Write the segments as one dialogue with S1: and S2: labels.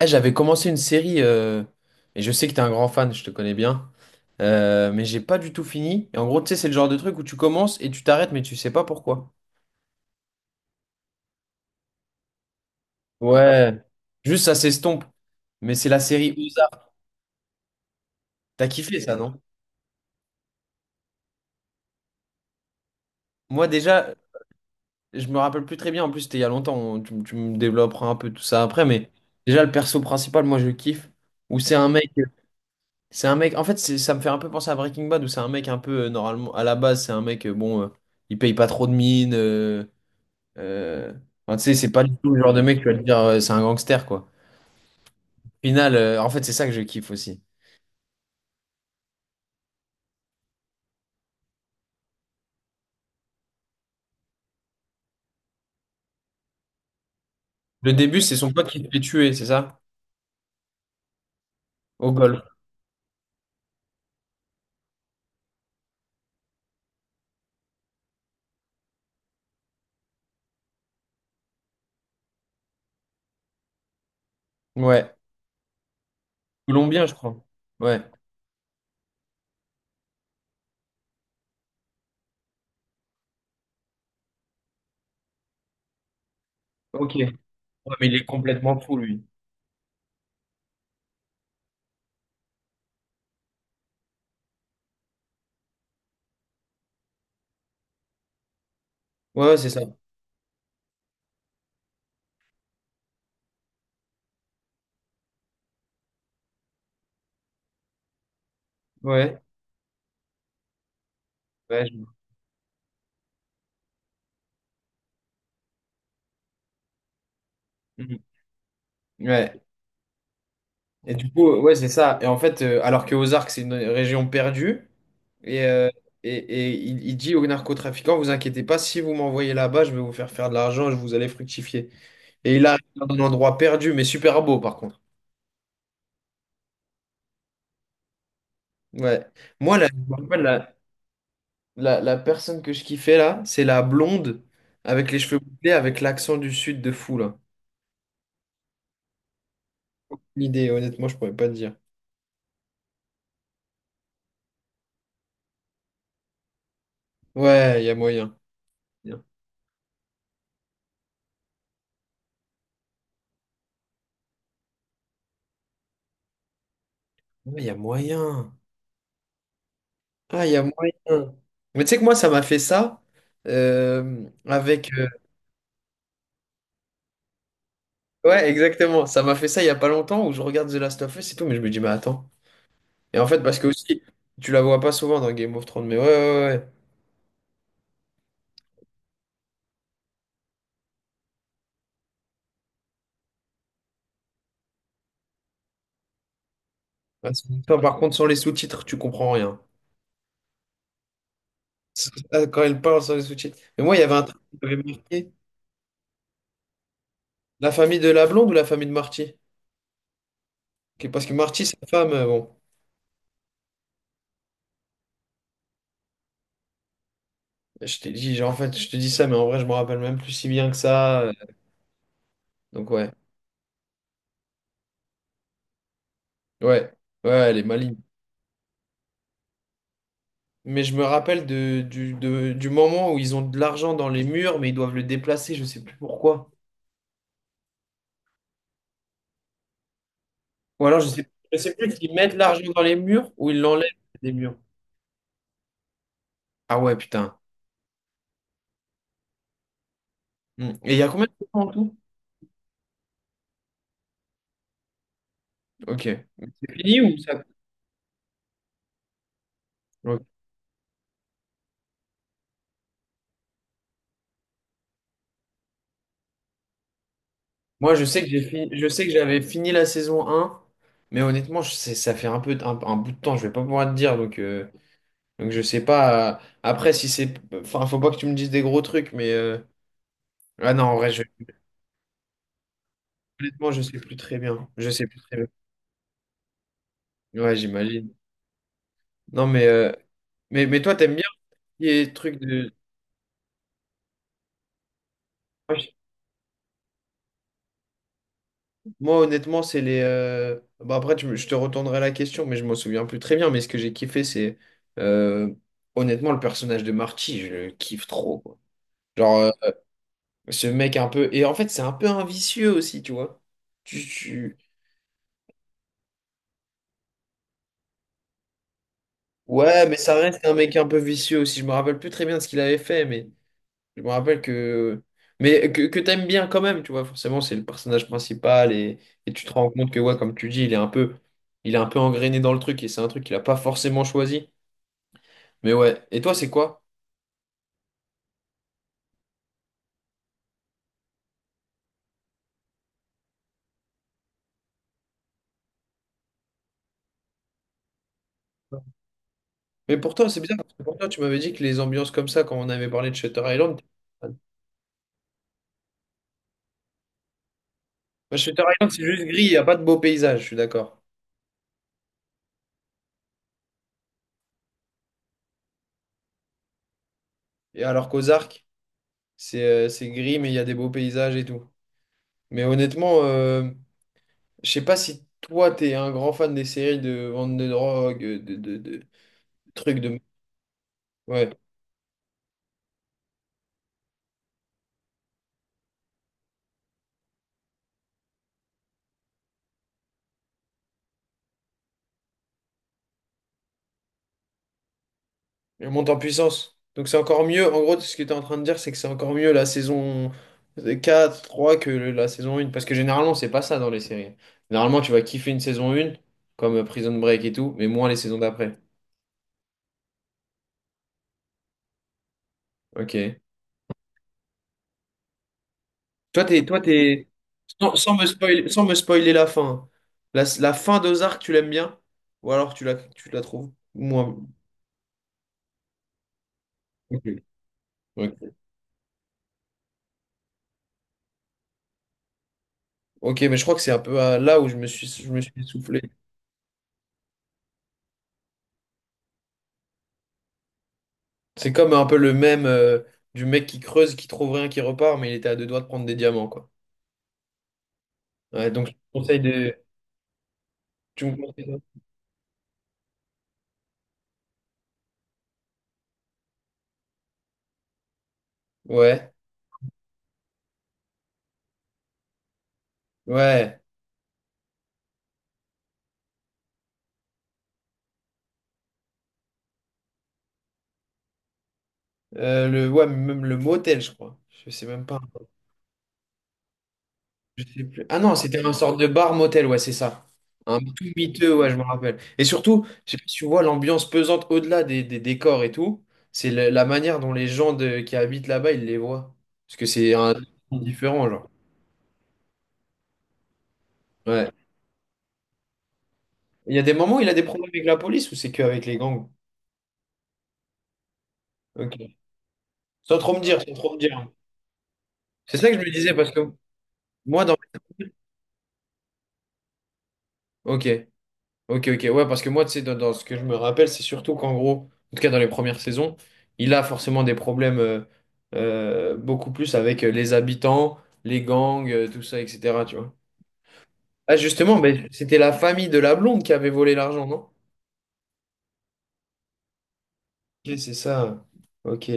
S1: Eh, j'avais commencé une série, et je sais que t'es un grand fan, je te connais bien, mais j'ai pas du tout fini. Et en gros, tu sais, c'est le genre de truc où tu commences et tu t'arrêtes, mais tu sais pas pourquoi. Ouais, juste ça s'estompe. Mais c'est la série Ozark. T'as kiffé ça, non? Moi, déjà, je me rappelle plus très bien. En plus, c'était il y a longtemps. Tu me développeras un peu tout ça après, mais déjà, le perso principal, moi, je kiffe. Où c'est un mec. C'est un mec. En fait, ça me fait un peu penser à Breaking Bad, où c'est un mec un peu, normalement, à la base, c'est un mec, bon, il paye pas trop de mine. Euh, enfin, tu sais, c'est pas du tout le genre de mec qui va te dire c'est un gangster, quoi. Au final, en fait, c'est ça que je kiffe aussi. Le début, c'est son pote qui se fait tuer, c'est ça? Au golf. Ouais. Colombien, je crois. Ouais. Ok. Ouais, mais il est complètement fou, lui. Ouais, ouais, c'est ça. Ouais. Ouais. Mhm. Ouais. Et du coup, ouais, c'est ça. Et en fait, alors que Ozark, c'est une région perdue, Et, euh, et il dit aux narcotrafiquants, vous inquiétez pas, si vous m'envoyez là-bas, je vais vous faire faire de l'argent, je vous allez fructifier. Et il arrive dans un endroit perdu, mais super beau par contre. Ouais. Moi, la, la personne que je kiffais là, c'est la blonde avec les cheveux bouclés, avec l'accent du sud de fou là. L'idée, honnêtement, je pourrais pas te dire. Ouais, il y a moyen. Bien. Ouais, il y a moyen. Ah, il y a moyen. Mais tu sais que moi, ça m'a fait ça avec. Ouais, exactement. Ça m'a fait ça il y a pas longtemps où je regarde The Last of Us et tout, mais je me dis, mais attends. Et en fait, parce que aussi, tu la vois pas souvent dans Game of Thrones, mais ouais, ouais, ouais. Ouais, putain, par contre, sans les sous-titres, tu comprends rien. Ah, quand elle parle sans les sous-titres. Mais moi, il y avait un truc qui m'avait marqué. La famille de la blonde ou la famille de Marty? Parce que Marty, sa femme, bon, je t'ai dit, genre, en fait, je te dis ça, mais en vrai, je me rappelle même plus si bien que ça. Donc, ouais. Ouais. Ouais, elle est maligne. Mais je me rappelle du moment où ils ont de l'argent dans les murs, mais ils doivent le déplacer, je sais plus pourquoi. Ou alors je sais plus s'ils mettent l'argent dans les murs ou ils l'enlèvent des murs. Ah ouais, putain. Hmm. Et il y a combien de temps en tout? Ok. C'est fini ou ça? Ok. Moi, je sais que j'ai fini, je sais que j'avais fini la saison un. Mais honnêtement, ça fait un peu un bout de temps, je vais pas pouvoir te dire, donc, donc je sais pas. Après, si c'est. Enfin, faut pas que tu me dises des gros trucs, mais. Ah non, en vrai, honnêtement, je sais plus très bien. Je sais plus très bien. Ouais, j'imagine. Non, mais toi, t'aimes bien les trucs de. Moi, je- moi, honnêtement, c'est les. Bah, après, je te retournerai la question, mais je m'en souviens plus très bien. Mais ce que j'ai kiffé, c'est. euh, Honnêtement, le personnage de Marty, je le kiffe trop, quoi. Genre, ce mec un peu. Et en fait, c'est un peu un vicieux aussi, tu vois. Tu, tu- Ouais, mais ça reste un mec un peu vicieux aussi. Je me rappelle plus très bien de ce qu'il avait fait, mais. Je me rappelle que. Mais que t'aimes bien quand même, tu vois, forcément, c'est le personnage principal et tu te rends compte que, ouais, comme tu dis, il est un peu engrainé dans le truc et c'est un truc qu'il a pas forcément choisi. Mais ouais. Et toi, c'est quoi? Mais pour toi, c'est bizarre, parce que pour toi, tu m'avais dit que les ambiances comme ça, quand on avait parlé de Shutter Island, t'es pas fan. Moi, Shutter Island, c'est juste gris, il n'y a pas de beaux paysages, je suis d'accord. Et alors qu'Ozark, c'est gris, mais il y a des beaux paysages et tout. Mais honnêtement, je sais pas si toi, t'es un grand fan des séries de vente de drogue, truc de... Ouais, elle monte en puissance. Donc c'est encore mieux. En gros, ce que tu es en train de dire, c'est que c'est encore mieux la saison 4 3 que la saison 1. Parce que généralement, c'est pas ça dans les séries. Généralement, tu vas kiffer une saison 1, comme Prison Break et tout, mais moins les saisons d'après. Ok. Toi, t'es, toi, t'es... sans me spoiler la fin. Hein. La fin d'Ozark, tu l'aimes bien? Ou alors tu la trouves moins... Ok. Ok. Ok, mais je crois que c'est un peu là où je me suis soufflé. C'est comme un peu le même du mec qui creuse, qui trouve rien, qui repart, mais il était à deux doigts de prendre des diamants, quoi. Ouais, donc je te conseille de. Tu me conseilles ça. Ouais, ouais. Ouais, mais même le motel, je crois. Je sais même pas. Je sais plus. Ah non, c'était un sorte de bar-motel, ouais, c'est ça. Un tout miteux, ouais, je me rappelle. Et surtout, je sais pas si tu vois l'ambiance pesante au-delà des décors et tout. C'est la manière dont les gens qui habitent là-bas, ils les voient. Parce que c'est un différent, genre. Ouais. Il y a des moments où il a des problèmes avec la police ou c'est qu'avec les gangs? Ok. Sans trop me dire, sans trop me dire. C'est ça que je me disais parce que moi, dans. Ok, ok, ok. Ouais, parce que moi, tu sais, dans ce que je me rappelle, c'est surtout qu'en gros, en tout cas dans les premières saisons, il a forcément des problèmes beaucoup plus avec les habitants, les gangs, tout ça, etc. Tu vois. Ah, justement, mais c'était la famille de la blonde qui avait volé l'argent, non? Ok, c'est ça. Ok.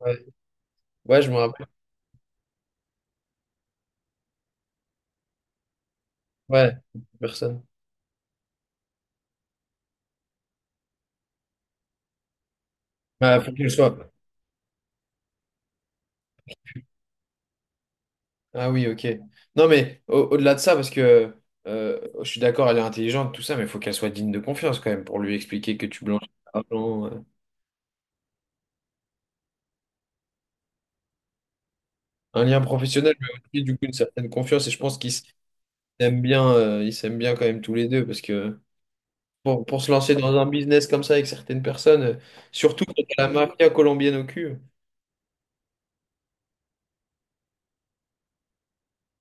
S1: Ouais, ouais, je me rappelle. Ouais, personne. Bah, faut que je sois. Ah oui, ok. Non, mais au-delà de ça, parce que je suis d'accord, elle est intelligente, tout ça, mais il faut qu'elle soit digne de confiance quand même pour lui expliquer que tu blanchis de l'argent. Un lien professionnel, mais aussi du coup une certaine confiance. Et je pense qu'ils s'aiment bien quand même tous les deux, parce que pour se lancer dans un business comme ça avec certaines personnes, surtout quand t'as la mafia colombienne au cul.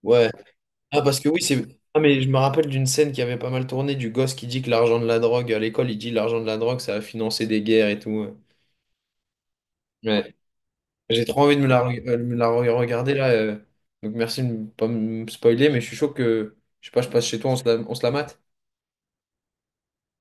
S1: Ouais. Ah, parce que oui, c'est. Ah, mais je me rappelle d'une scène qui avait pas mal tourné du gosse qui dit que l'argent de la drogue, à l'école, il dit l'argent de la drogue, ça a financé des guerres et tout. Ouais. J'ai trop envie de me la regarder là. Donc merci de ne pas me spoiler, mais je suis chaud que, je sais pas, je passe chez toi, on se la mate.